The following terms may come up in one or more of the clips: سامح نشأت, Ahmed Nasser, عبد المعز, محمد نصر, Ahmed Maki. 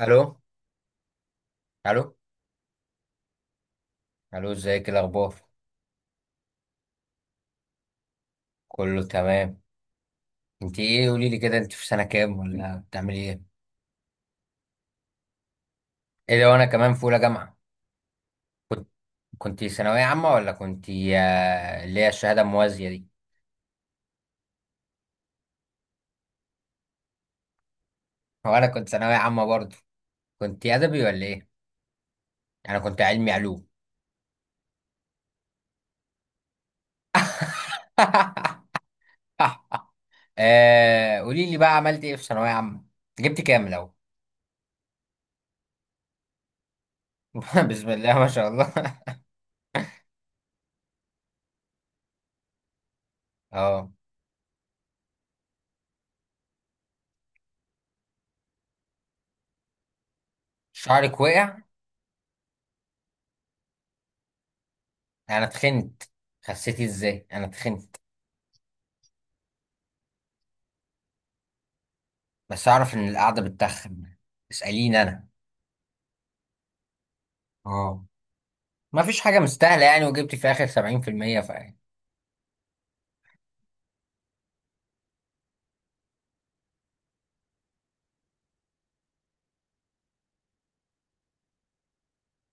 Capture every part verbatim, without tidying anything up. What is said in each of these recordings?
الو، الو، الو. ازيك؟ إيه الاخبار؟ كله تمام. انت ايه، قولي لي كده، انت في سنه كام ولا بتعملي ايه؟ ايه لو انا كمان في اولى جامعه. كنت كنت ثانويه عامه ولا كنت آه، اللي هي الشهاده الموازيه دي؟ هو انا كنت ثانويه عامه برضه. كنت ادبي ولا ايه؟ انا كنت علمي علوم. آه قولي لي بقى، عملت ايه في ثانويه عامه؟ جبت كام لو؟ بسم الله ما شاء الله. اه. شعرك وقع؟ انا اتخنت. خسيتي ازاي؟ انا اتخنت. بس اعرف ان القعده بتتخن، اساليني انا. اه، ما فيش حاجه مستاهله يعني، وجبت في اخر سبعين في المية ف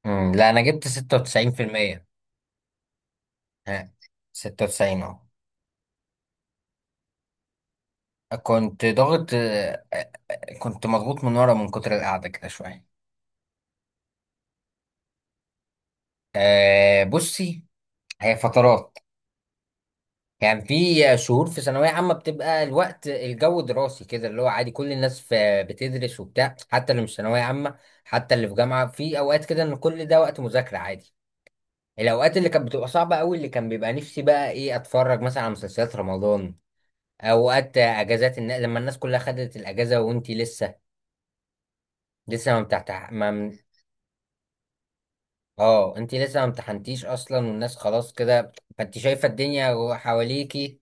مم، لا انا جبت ستة وتسعين في المية. ها؟ ستة وتسعين، اه. كنت ضاغط آه، آه، آه، كنت مضغوط من ورا من كتر القعده كده شويه. آه، بصي، هي فترات، يعني في شهور في ثانويه عامه بتبقى الوقت، الجو دراسي كده، اللي هو عادي كل الناس في- بتدرس وبتاع، حتى اللي مش ثانويه عامه، حتى اللي في جامعه، في اوقات كده ان كل ده وقت مذاكره عادي. الاوقات اللي كانت بتبقى صعبه قوي، اللي كان بيبقى نفسي بقى ايه اتفرج مثلا على مسلسلات رمضان، اوقات اجازات النا... لما الناس كلها خدت الاجازه وانتي لسه لسه ما بتاعت ما من... اه انتي لسه ما امتحنتيش اصلا، والناس خلاص كده، فانت شايفه الدنيا حواليكي.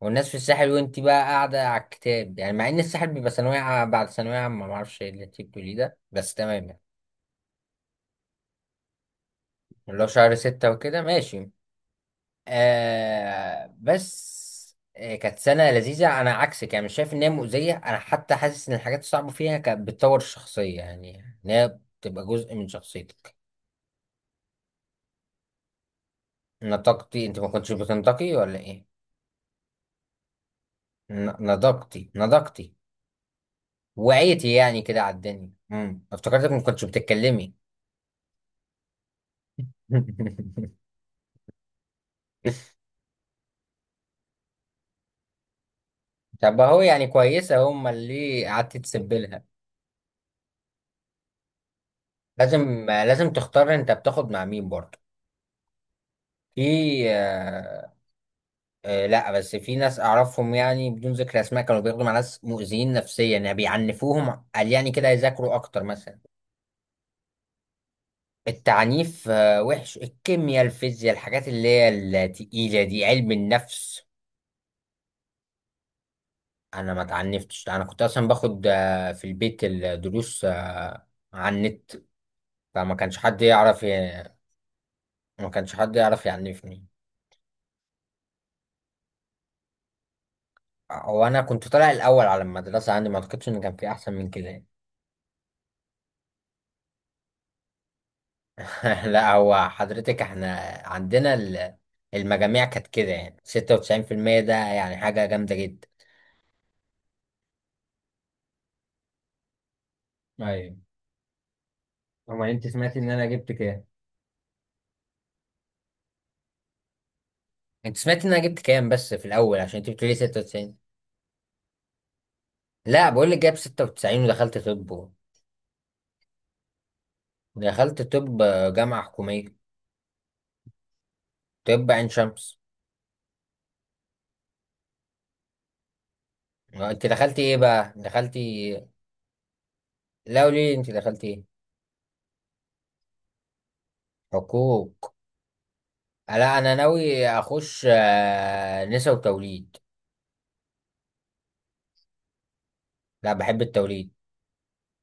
والناس في الساحل وانتي بقى قاعده على الكتاب، يعني مع ان الساحل بيبقى ثانويه ع- بعد ثانويه عامه، ما اعرفش إيه اللي انتي بتقوليه ده، بس تمام يعني. اللي هو شهر ستة وكده ماشي. آه بس آه كانت سنة لذيذة. أنا عكسك يعني، مش شايف إن هي مؤذية، أنا حتى حاسس إن الحاجات الصعبة فيها كانت بتطور الشخصية، يعني إن هي بتبقى جزء من شخصيتك. نطقتي؟ أنت ما كنتش بتنطقي ولا إيه؟ ن- نضجتي نضجتي. وعيتي يعني كده على الدنيا. امم افتكرتك ما كنتش بتتكلمي. طب أهو يعني كويسة هما اللي قعدت تسبلها. لازم لازم تختار، أنت بتاخد مع مين برضه. في. آه، آه لا، بس في ناس اعرفهم يعني بدون ذكر اسماء كانوا بياخدوا مع ناس مؤذيين نفسيا، يعني بيعنفوهم، قال يعني كده يذاكروا اكتر مثلا. التعنيف آه وحش، الكيمياء، الفيزياء، الحاجات اللي هي التقيلة دي، علم النفس. انا ما اتعنفتش، انا كنت اصلا باخد آه في البيت الدروس آه على النت، فما كانش حد يعرف ي- ما كانش حد يعرف يعنفني. وانا كنت طالع الاول على المدرسة عندي، ما اعتقدش ان كان في احسن من كده يعني. لا هو حضرتك، احنا عندنا ال- المجاميع كانت كده يعني، ستة وتسعين في المية ده يعني حاجة جامدة جدا. ايوه. اما انت سمعتي ان انا جبت كام؟ انت سمعت ان انا جبت كام بس في الاول، عشان انت بتقولي ستة وتسعين. لا بقول لك جايب ستة وتسعين ودخلت طب. دخلت طب، جامعة حكومية. طب عين شمس. انت دخلتي ايه بقى؟ دخلتي؟ لا قولي لي انت دخلتي ايه. حقوق. لا انا ناوي اخش آه، نسا وتوليد. لا بحب التوليد.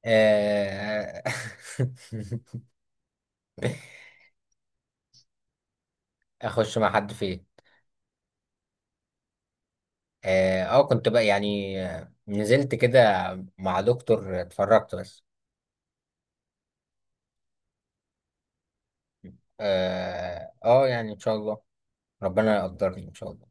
آه، اخش مع حد فين؟ اه آه، كنت بقى يعني آه، نزلت كده مع دكتور، اتفرجت بس. اه آه، يعني ان شاء الله، ربنا يقدرني ان شاء الله.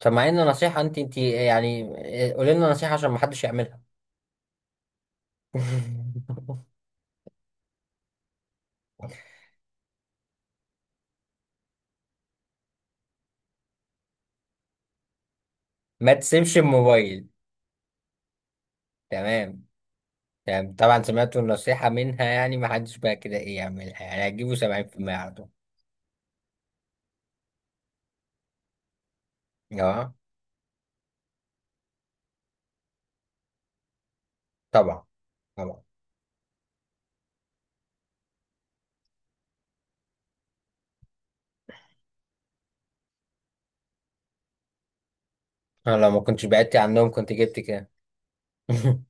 طب مع ان نصيحة، انت انت يعني. آه، قولي لنا نصيحة عشان ما حدش يعملها. ما تسيبش الموبايل. تمام، تمام طبعا، سمعت النصيحة منها، يعني ما حدش بقى كده ايه يعملها، يعني هتجيبوا سبعين في المية على طول. اه طبعا، طبعا. انا لو ما كنتش بعدتي عنهم كنت جبت كده. مهم.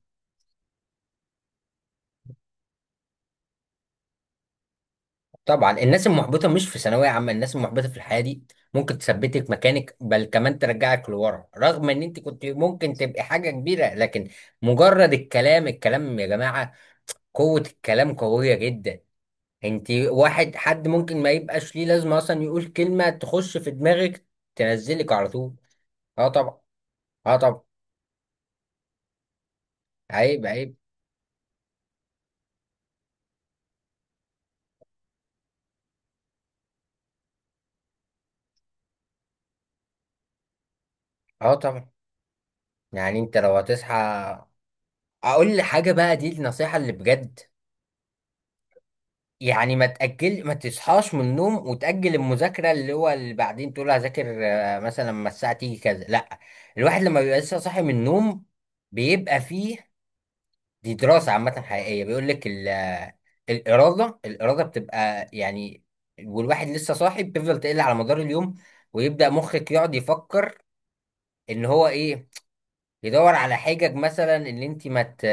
طبعا الناس المحبطه مش في ثانويه عامه، الناس المحبطه في الحياه دي ممكن تثبتك مكانك، بل كمان ترجعك لورا، رغم ان انت كنت ممكن تبقي حاجه كبيره. لكن مجرد الكلام، الكلام يا جماعه، قوه الكلام قويه جدا. انت واحد حد ممكن ما يبقاش ليه لازمه اصلا، يقول كلمه تخش في دماغك تنزلك على طول. اه طبعا. اه طبعا. عيب، عيب. اه طبعا. يعني انت لو هتصحى، اقول لحاجه بقى دي النصيحه اللي بجد، يعني ما تأجل، ما تصحاش من النوم وتأجل المذاكرة، اللي هو اللي بعدين تقول هذاكر آه، مثلا لما الساعة تيجي كذا. لا، الواحد لما بيبقى لسه صاحي من النوم بيبقى فيه، دي دراسة عامة حقيقية، بيقول لك ال- آه، الإرادة الإرادة بتبقى يعني، والواحد لسه صاحي بتفضل تقل على مدار اليوم، ويبدأ مخك يقعد يفكر إن هو إيه، يدور على حجج مثلا ان انت ما مت...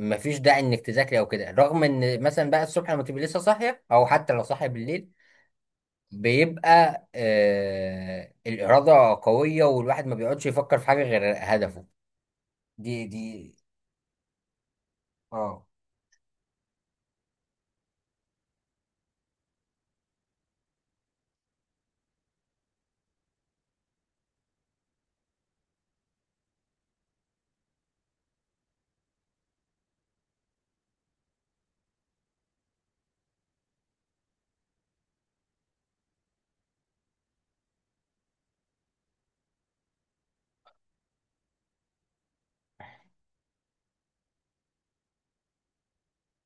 ما فيش داعي انك تذاكري او كده، رغم ان مثلا بقى الصبح لما تبقي لسه صاحيه، او حتى لو صاحيه بالليل، بيبقى آه الإرادة قوية، والواحد ما بيقعدش يفكر في حاجة غير هدفه. دي دي. اه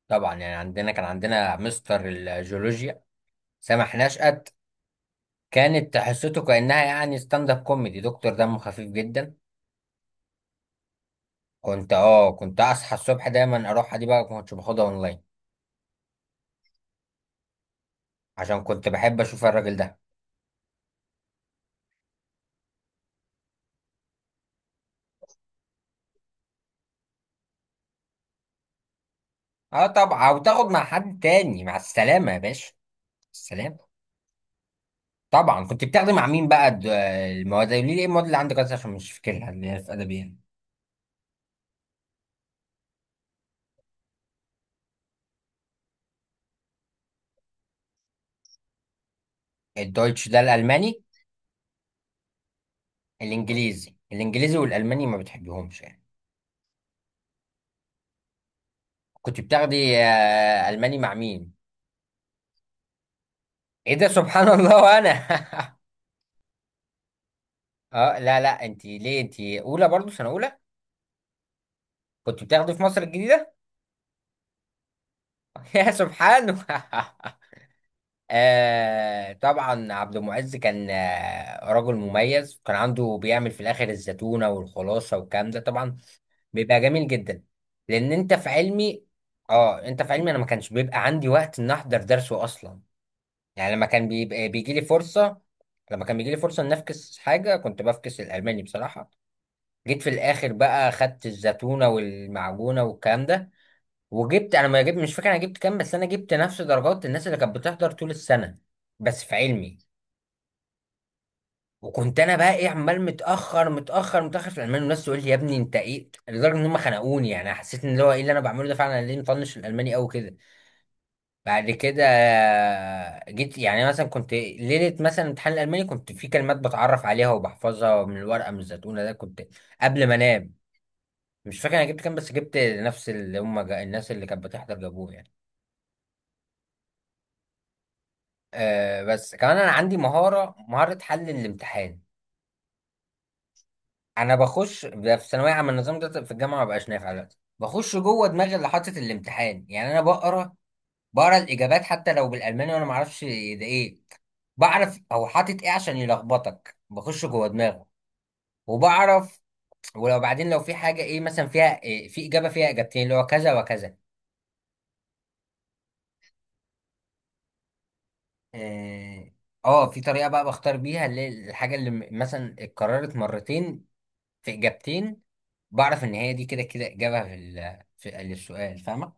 طبعا. يعني عندنا، كان عندنا مستر الجيولوجيا سامح نشأت، كانت حصته كأنها يعني ستاند اب كوميدي، دكتور دمه خفيف جدا. كنت اه كنت اصحى الصبح دايما اروح، دي بقى كنت باخدها اونلاين، عشان كنت بحب اشوف الراجل ده. اه طبعا، وتاخد مع حد تاني. مع السلامة يا باشا، السلامة. طبعا كنت بتاخدي مع مين بقى الد- المواد، قولي لي ايه المواد اللي عندك اصلا، عشان مش فاكرها، اللي هي في ادبي يعني. الدويتش ده الالماني. الانجليزي الانجليزي والالماني ما بتحبهمش يعني. كنت بتاخدي آه، الماني مع مين؟ ايه ده، سبحان الله، وانا. اه لا لا، انت ليه انت اولى برضو، سنه اولى؟ كنت بتاخدي في مصر الجديده؟ يا سبحانه. آه طبعا عبد المعز كان آه، رجل مميز، كان عنده بيعمل في الاخر الزيتونه والخلاصه والكلام ده طبعا، بيبقى جميل جدا. لان انت في علمي. اه انت في علمي، انا ما كانش بيبقى عندي وقت ان احضر درسه اصلا، يعني لما كان بيبقى بيجي لي فرصه، لما كان بيجي لي فرصه ان افكس حاجه، كنت بفكس الالماني بصراحه. جيت في الاخر بقى، خدت الزتونه والمعجونه والكلام ده، وجبت، انا ما جبت، مش فاكر انا جبت كام، بس انا جبت نفس درجات الناس اللي كانت بتحضر طول السنه، بس في علمي. وكنت انا بقى ايه، عمال متاخر متاخر متاخر في الالماني، والناس تقول لي يا ابني انت ايه، لدرجه ان هم خنقوني يعني. حسيت ان اللي هو ايه اللي انا بعمله ده فعلا، أنا ليه مطنش الالماني قوي كده. بعد كده آه، جيت يعني مثلا، كنت ليله مثلا امتحان الالماني، كنت في كلمات بتعرف عليها وبحفظها من الورقه، من الزتونه ده، كنت قبل ما انام. مش فاكر انا جبت كام، بس جبت نفس اللي هم جا... الناس اللي كانت بتحضر جابوه يعني. أه بس كمان انا عندي مهاره مهاره حل الامتحان. انا بخش ده في ثانويه عامه، النظام ده في الجامعه ما بقاش نافع دلوقتي. بخش جوه دماغي اللي حاطط الامتحان، يعني انا بقرا بقرا الاجابات حتى لو بالالماني وانا ما اعرفش ده ايه، بعرف هو حاطط ايه عشان يلخبطك، بخش جوه دماغه وبعرف. ولو بعدين لو في حاجه ايه مثلا، فيها إيه، في اجابه فيها اجابتين اللي هو كذا وكذا. اه آه، في طريقه بقى بختار بيها، اللي الحاجه اللي م- مثلا اتكررت مرتين في اجابتين، بعرف ان هي دي كده كده اجابه في ال- في السؤال، فاهمه.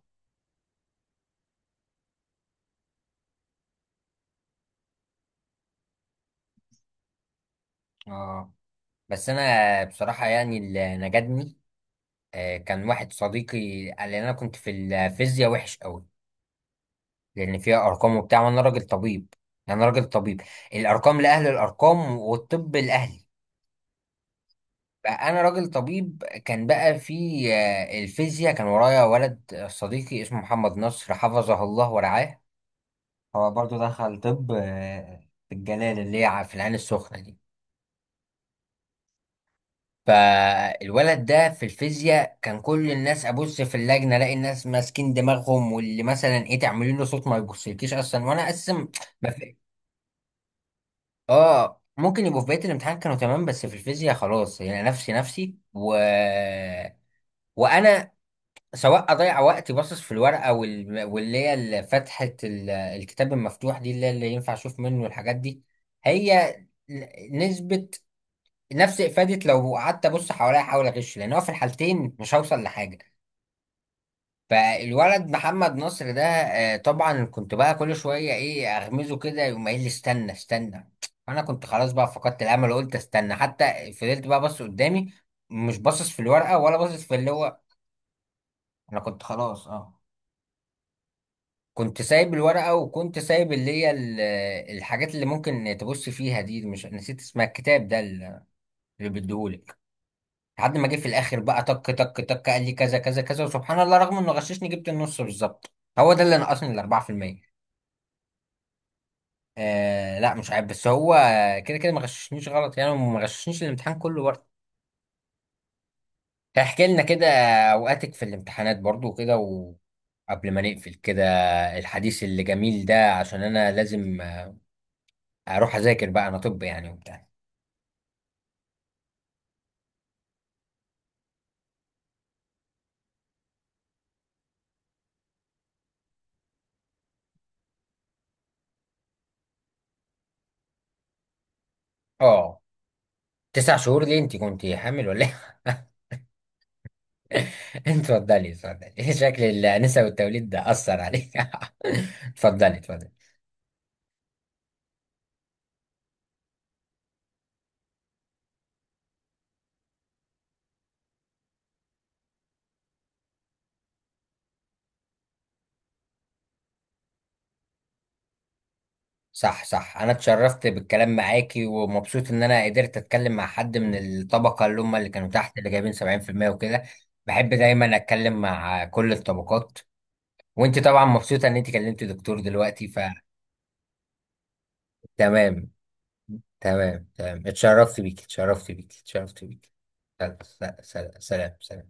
اه بس انا بصراحه يعني اللي نجدني، آه، كان واحد صديقي قال لي، انا كنت في الفيزياء وحش قوي، لان فيها ارقام وبتاع، وانا راجل طبيب يعني، انا راجل طبيب. الارقام لاهل الارقام والطب لاهلي. فانا راجل طبيب. كان بقى في آه، الفيزياء، كان ورايا ولد صديقي اسمه محمد نصر، حفظه الله ورعاه، هو برضو دخل طب آه، في الجلال اللي هي في العين السخنه دي. فالولد ده في الفيزياء، كان كل الناس، ابص في اللجنه الاقي الناس ماسكين دماغهم، واللي مثلا ايه تعملين له صوت ما يبصلكيش اصلا، وانا اقسم ما في. اه ممكن يبقوا في بقيه الامتحان كانوا تمام، بس في الفيزياء خلاص، يعني نفسي، نفسي و... وانا سواء اضيع وقتي باصص في الورقه وال... واللي هي ال- فتحه ال... الكتاب المفتوح دي، اللي اللي ينفع اشوف منه الحاجات دي، هي نسبة نفس افادة لو قعدت ابص حواليا احاول اغش، لان هو في الحالتين مش هوصل لحاجه. فالولد محمد نصر ده آه، طبعا كنت بقى كل شويه ايه اغمزه كده، يقوم قايل لي استنى استنى. انا كنت خلاص بقى فقدت الامل، وقلت استنى، حتى فضلت بقى بص قدامي، مش باصص في الورقه ولا باصص في اللي هو. انا كنت خلاص اه كنت سايب الورقه، وكنت سايب اللي هي ال- الحاجات اللي ممكن تبص فيها دي، مش نسيت اسمها، الكتاب ده اللي بيديهولي، لحد ما جه في الاخر بقى تك تك تك، قال لي كذا كذا كذا، وسبحان الله رغم انه غششني جبت النص بالظبط. هو ده اللي نقصني ال اربعة في المية. آه لا مش عارف، بس هو كده كده ما غششنيش غلط يعني، وما غششنيش الامتحان كله برضه. احكي لنا كده اوقاتك في الامتحانات برضه وكده، وقبل ما نقفل كده الحديث اللي جميل ده، عشان انا لازم اروح اذاكر بقى، انا طب يعني وبتاع. اه، تسع شهور ليه؟ انت كنت حامل ولا ايه؟ اتفضلي، اتفضلي. شكل الأنسة والتوليد ده أثر عليك. اتفضلي اتفضلي. صح صح، أنا اتشرفت بالكلام معاكي، ومبسوط إن أنا قدرت أتكلم مع حد من الطبقة اللي هم اللي كانوا تحت، اللي جايبين سبعين في المية وكده. بحب دايما أتكلم مع كل الطبقات. وأنت طبعا مبسوطة إن أنت كلمت دكتور دلوقتي، فتمام. تمام تمام، اتشرفت بيكي، اتشرفت بيكي، اتشرفت بيكي. سلام. سلام سلام.